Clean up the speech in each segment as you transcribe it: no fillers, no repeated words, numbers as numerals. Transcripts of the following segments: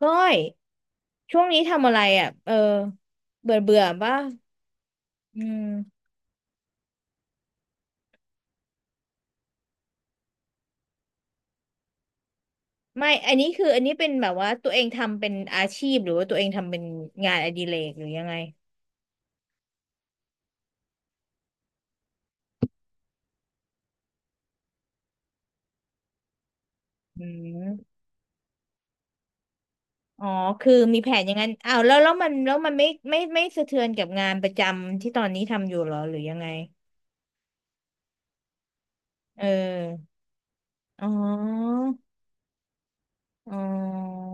ก้อยช่วงนี้ทำอะไรอ่ะเออเบื่อเบื่อป่ะอืมไม่อันนี้เป็นแบบว่าตัวเองทำเป็นอาชีพหรือว่าตัวเองทำเป็นงานอดิเรกหรือยังไงอืมอ๋อคือมีแผนอย่างนั้นอ้าวแล้วมันไม่สะเทือนกับงานประจำที่ตอนนี้ทำอยู่เหรอหรือยังไงเอออ๋อ อ๋อ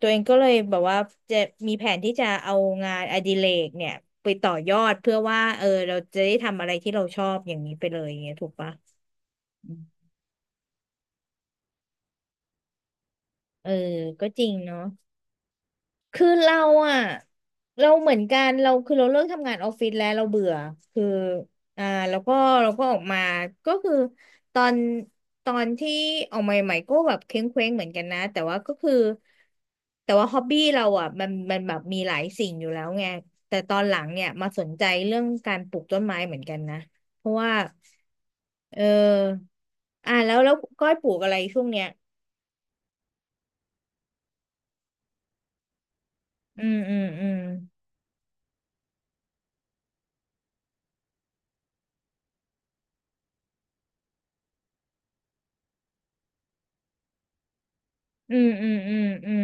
ตัวเองก็เลยแบบว่าจะมีแผนที่จะเอางานอดิเรกเนี่ยไปต่อยอดเพื่อว่าเออเราจะได้ทำอะไรที่เราชอบอย่างนี้ไปเลยอย่างเงี้ยถูกปะอืมเออก็จริงเนาะ คือเราอ่ะเราเหมือนกันเราคือเราเลิกทำงานออฟฟิศแล้วเราเบื่อคืออ่าแล้วก็เราก็ออกมาก็คือตอนตอนที่ออกมาใหม่ๆก็แบบเคว้งเคว้งเหมือนกันนะแต่ว่าก็คือแต่ว่าฮ็อบบี้เราอ่ะมันแบบมีหลายสิ่งอยู่แล้วไงแต่ตอนหลังเนี่ยมาสนใจเรื่องการปลูกต้นไม้เหมือนกันนะเพราะว่าเอออ่าแล้วก้อยปลูกอะไรช่วงเนี้ยอืมอืมอืมอืมอืมอืมอืม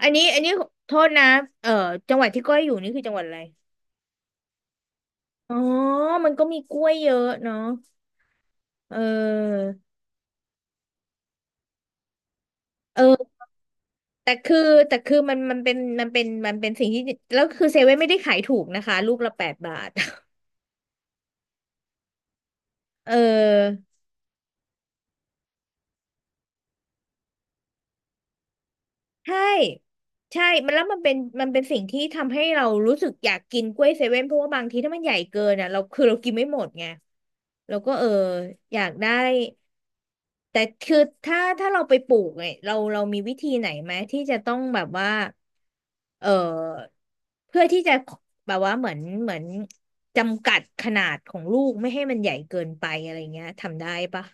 อันนี้โทษนะเอ่อจังหวัดที่ก้อยอยู่นี่คือจังหวัดอะไร อ๋อ มันก็มีกล้วยเยอะเนาะเออเออแต่คือแต่คือมันมันเป็นมันเป็นมันเป็นสิ่งที่แล้วคือเซเว่นไม่ได้ขายถูกนะคะลูกละแปดบาท เออใช่ใช่มันแล้วมันเป็นมันเป็นสิ่งที่ทำให้เรารู้สึกอยากกินกล้วยเซเว่นเพราะว่าบางทีถ้ามันใหญ่เกินอ่ะเราคือเรากินไม่หมดไงเราก็เอออยากได้ แต่คือถ้าเราไปปลูกเนี่ยเรามีวิธีไหนไหมที่จะต้องแบบว่าเออเพื่อที่จะแบบว่าเหมือนจำกัดขนาดของลูกไม่ให้มันใหญ่เกินไปอะไรเงี้ยทำได้ปะ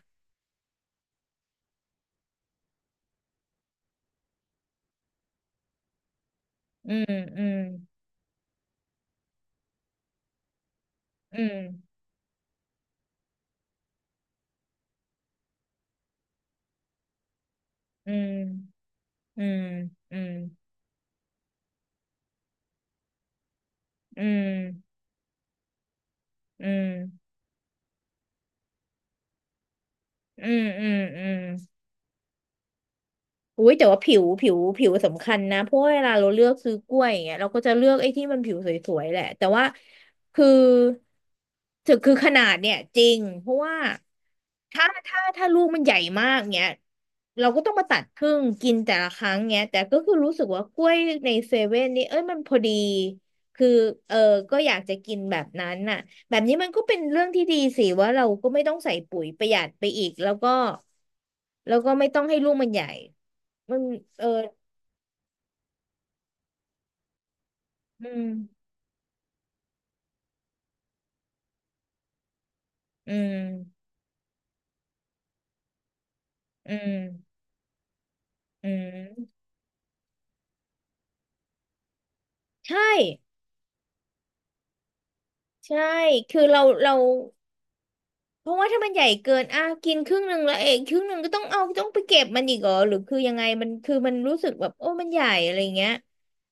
อืมอืมอืมอืมอืมอืมอืมอืมอืมอืมอืม อุ้ยแต่ว่าผิวสำคัญนะเพราะว่าเวลาเราเลือกซื้อกล้วยอย่างเงี้ยเราก็จะเลือกไอ้ที่มันผิวสวยๆแหละแต่ว่าคือถึงคือขนาดเนี่ยจริงเพราะว่าถ้าลูกมันใหญ่มากเงี้ยเราก็ต้องมาตัดครึ่งกินแต่ละครั้งเงี้ยแต่ก็คือรู้สึกว่ากล้วยในเซเว่นนี่เอ้ยมันพอดีคือเออก็อยากจะกินแบบนั้นน่ะแบบนี้มันก็เป็นเรื่องที่ดีสิว่าเราก็ไม่ต้องใส่ปุ๋ยประหยัดไปอีกแล้วก็แล้วก็ไม่ต้องให้ลูกมันใหญ่ มันเอออืมอืมอืมอืมใช่ใช่คือเราเพราะว่าถ้ามันใหญ่เกินอ่ะกินครึ่งหนึ่งแล้วเองครึ่งหนึ่งก็ต้องเอาต้องไปเก็บมันอีกเหรอหรือคือยังไงมันคือมันรู้สึกแบบโอ้มันใหญ่อะไรเงี้ย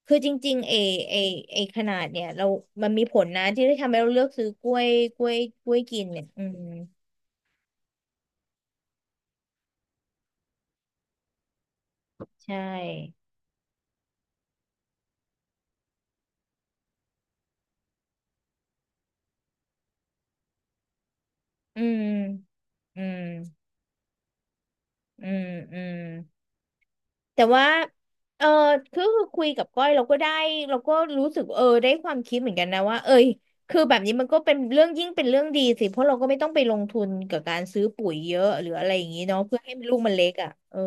คือจริงๆเอเอเอขนาดเนี่ยเรามันมีผลนะที่ได้ทำให้เราเลือกซื้อกล้วยกล้วยกล้วยกินเนี่ยอืมใช่อืมอืมอืมอืม แต่ว่าเออคือคุยกับก้อยเราก็ได้เราก็รู้สึกเออได้ความคิดเหมือนกันนะว่าเอยคือแบบนี้มันก็เป็นเรื่องยิ่งเป็นเรื่องดีสิเพราะเราก็ไม่ต้องไปลงทุนกับการซื้อปุ๋ยเยอะหรืออะไรอย่างนี้เนาะเพื่อให้ลูกมันเล็กอ่ะเออ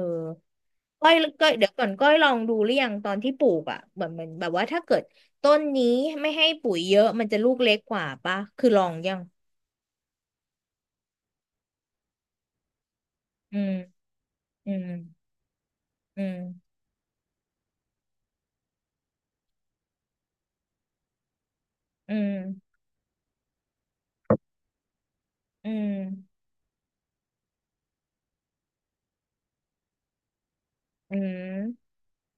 ก้อยก้อยเดี๋ยวก่อนก้อยลองดูหรือยังตอนที่ปลูกอ่ะเหมือนเหมือนแบบว่าถ้าเกิดต้นนี้ไม่ให้ปุ๋ยเยอะมันจะลูกเล็กกว่าปะคือลองยังอืมอืมอืมอืมอืมอืม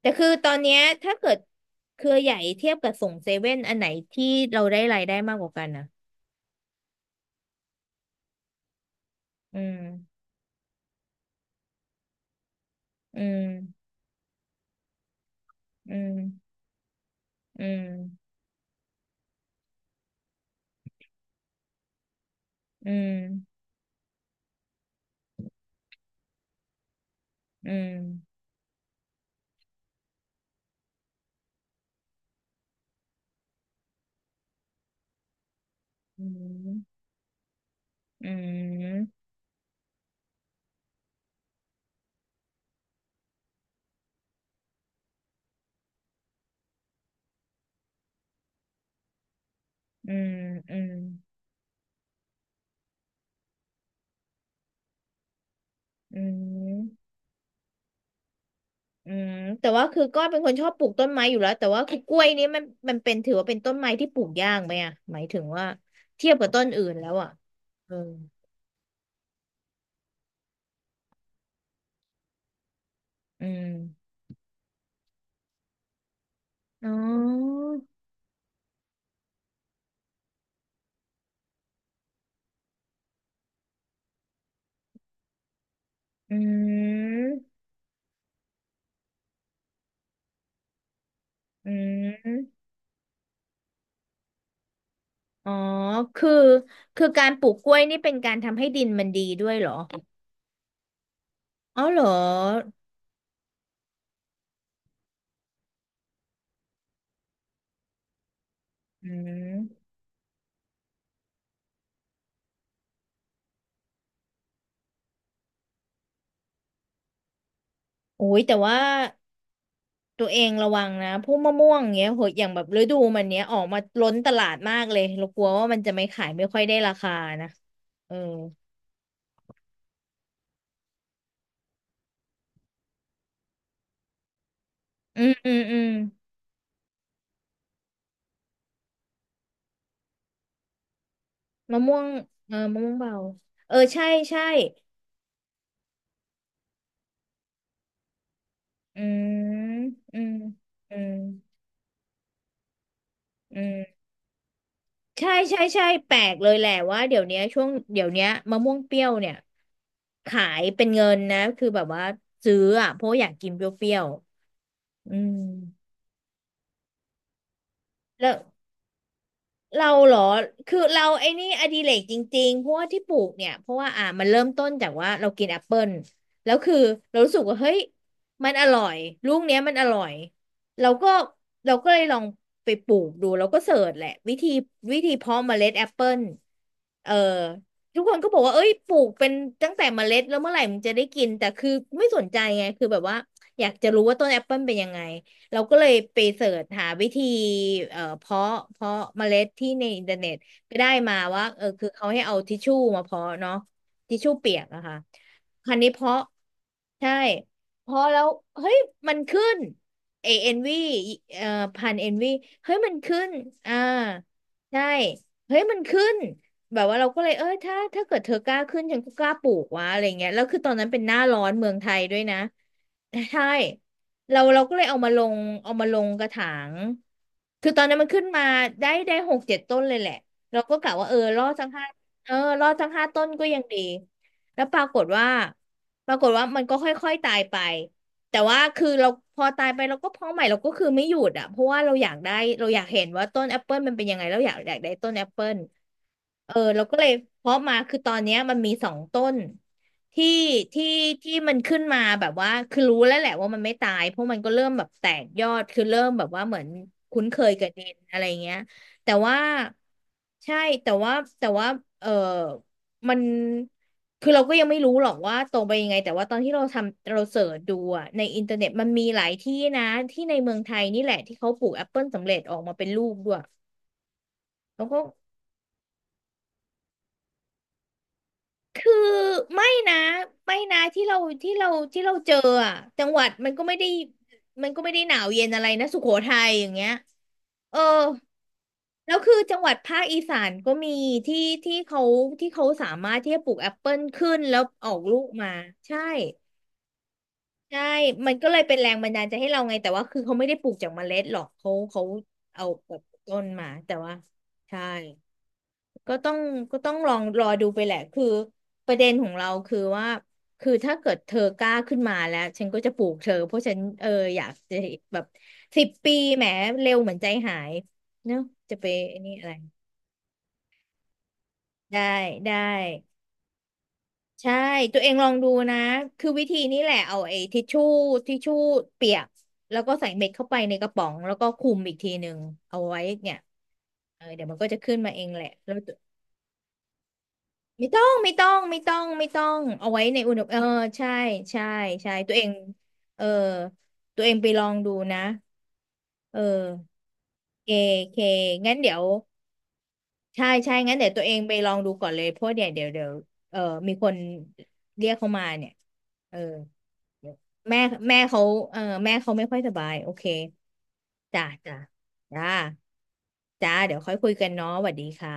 แต่คือตอนเนี้ยถ้าเกิดเครือใหญ่เทียบกับส่งเซเว่นอันไหนที่เราได้รายได้มากกว่ากันนะอืมอืมอืมอืมอืมอืมอืมอืมอืมอืมอืมอืมแต่ว่าคือก็เป็นคนชอบปลูกต้นไม้อยู่แล้วแต่ว่าคือกล้วยนี้มันมันเป็นถือว่าเป็นต้นไม้ที่ปลูกยากไหมอ่ะหมายถึงว่าเทียบกับต้นอื่นแล้วอ่ะเอออืมอ๋ออืมอืม อ๋อคือคือการปลูกกล้วยนี่เป็นการทำให้ดินมันดีด้วยเหรออ๋อเหรออืมโอ้ยแต่ว่าตัวเองระวังนะพวกมะม่วงเงี้ยโหอย่างแบบฤดูมันเนี้ยออกมาล้นตลาดมากเลยเรากลัวว่ามันจะไม่ขายไม่ค่อยได้ราคานะเอออืมอืมอืมมะม่วงเออมะม่วงเบาเออใช่ใช่อืมอืมอืมอืม ใช่ใช่ใช่แปลกเลยแหละว่าเดี๋ยวเนี้ยช่วงเดี๋ยวเนี้ยมะม่วงเปรี้ยวเนี่ยขายเป็นเงินนะคือแบบว่าซื้ออ่ะเพราะอยากกินเปรี้ยวๆอืมแล้ว เราเหรอ คือเราไอ้นี่อดิเรกจริงๆเพราะว่าที่ปลูกเนี่ยเพราะว่ามันเริ่มต้นจากว่าเรากินแอปเปิลแล้วคือเรารู้สึกว่าเฮ้ยมันอร่อยลูกเนี้ยมันอร่อยเราก็เราก็เลยลองไปปลูกดูเราก็เสิร์ชแหละวิธีวิธีเพาะเมล็ดแอปเปิลเออทุกคนก็บอกว่าเอ้ยปลูกเป็นตั้งแต่เมล็ดแล้วเมื่อไหร่มึงจะได้กินแต่คือไม่สนใจไงคือแบบว่าอยากจะรู้ว่าต้นแอปเปิลเป็นยังไง เราก็เลยไปเสิร์ชหาวิธีเพาะเพาะเมล็ดที่ในอินเทอร์เน็ตก็ได้มาว่าเออคือเขาให้เอาทิชชู่มาเพาะเนาะทิชชู่เปียกอะค่ะคราวนี้เพาะใช่เพาะแล้วเฮ้ยมันขึ้นเอเอ็นวีเอ่อพันเอ็นวีเฮ้ยมันขึ้นอ่าใช่เฮ้ยมันขึ้นแบบว่าเราก็เลยเออถ้าเกิดเธอกล้าขึ้นฉันก็กล้าปลูกวะอะไรเงี้ยแล้วคือตอนนั้นเป็นหน้าร้อนเมืองไทยด้วยนะใช่ เราก็เลยเอามาลงเอามาลงกระถางคือตอนนั้นมันขึ้นมาได้6-7 ต้นเลยแหละเราก็กะว่าเออรอดสักห้าเออรอดสัก5 ต้นก็ยังดีแล้วปรากฏว่าปรากฏว่ามันก็ค่อยๆตายไปแต่ว่าคือเราพอตายไปเราก็เพาะใหม่เราก็คือไม่หยุดอ่ะเพราะว่าเราอยากได้เราอยากเห็นว่าต้นแอปเปิลมันเป็นยังไงเราอยากได้ต้นแอปเปิล เออเราก็เลยเพาะมาคือตอนเนี้ยมันมี2 ต้นที่ที่ที่มันขึ้นมาแบบว่าคือรู้แล้วแหละว่ามันไม่ตายเพราะมันก็เริ่มแบบแตกยอดคือเริ่มแบบว่าเหมือนคุ้นเคยกับดินอะไรเงี้ยแต่ว่าใช่แต่ว่าแต่ว่าเออมันคือเราก็ยังไม่รู้หรอกว่าตรงไปยังไงแต่ว่าตอนที่เราทำเราเสิร์ชดูอะในอินเทอร์เน็ตมันมีหลายที่นะที่ในเมืองไทยนี่แหละที่เขาปลูกแอปเปิลสำเร็จออกมาเป็นลูกด้วยแล้วก็ คือไม่นะไม่นะที่เราที่เราเจออะจังหวัดมันก็ไม่ได้หนาวเย็นอะไรนะสุโขทัยอย่างเงี้ยเออแล้วคือจังหวัดภาคอีสานก็มีที่ที่เขาที่เขาสามารถที่จะปลูกแอปเปิลขึ้นแล้วออกลูกมาใช่ใช่มันก็เลยเป็นแรงบันดาลใจให้เราไงแต่ว่าคือเขาไม่ได้ปลูกจากเมล็ดหรอกเขาเอาแบบต้นมาแต่ว่าใช่ ก็ต้องก็ต้องลองรอดูไปแหละคือประเด็นของเราคือว่าคือถ้าเกิดเธอกล้าขึ้นมาแล้วฉันก็จะปลูกเธอเพราะฉันเอออยากจะแบบ10 ปีแหมเร็วเหมือนใจหายเนอะจะไปนี่อะไรได้ได้ใช่ตัวเองลองดูนะคือวิธีนี้แหละเอาไอ้ทิชชู่ทิชชู่เปียกแล้วก็ใส่เม็ดเข้าไปในกระป๋องแล้วก็คลุมอีกทีหนึ่งเอาไว้เนี่ยเออเดี๋ยวมันก็จะขึ้นมาเองแหละแล้ว ไม่ต้องไม่ต้องไม่ต้องไม่ต้องเอาไว้ในอุณหเออใช่ใช่ใช่ตัวเองเออตัวเองไปลองดูนะเออเคเคงั้นเดี๋ยวใช่ใช่งั้นเดี๋ยวตัวเองไปลองดูก่อนเลยเพราะเดี๋ยวเออมีคนเรียกเขามาเนี่ยเออเดี๋ยวแม่แม่เขาเออแม่เขาไม่ค่อยสบายโอเคจ้าจ้าจ้าจ้าเดี๋ยวค่อยคุยกันเนาะสวัสดีค่ะ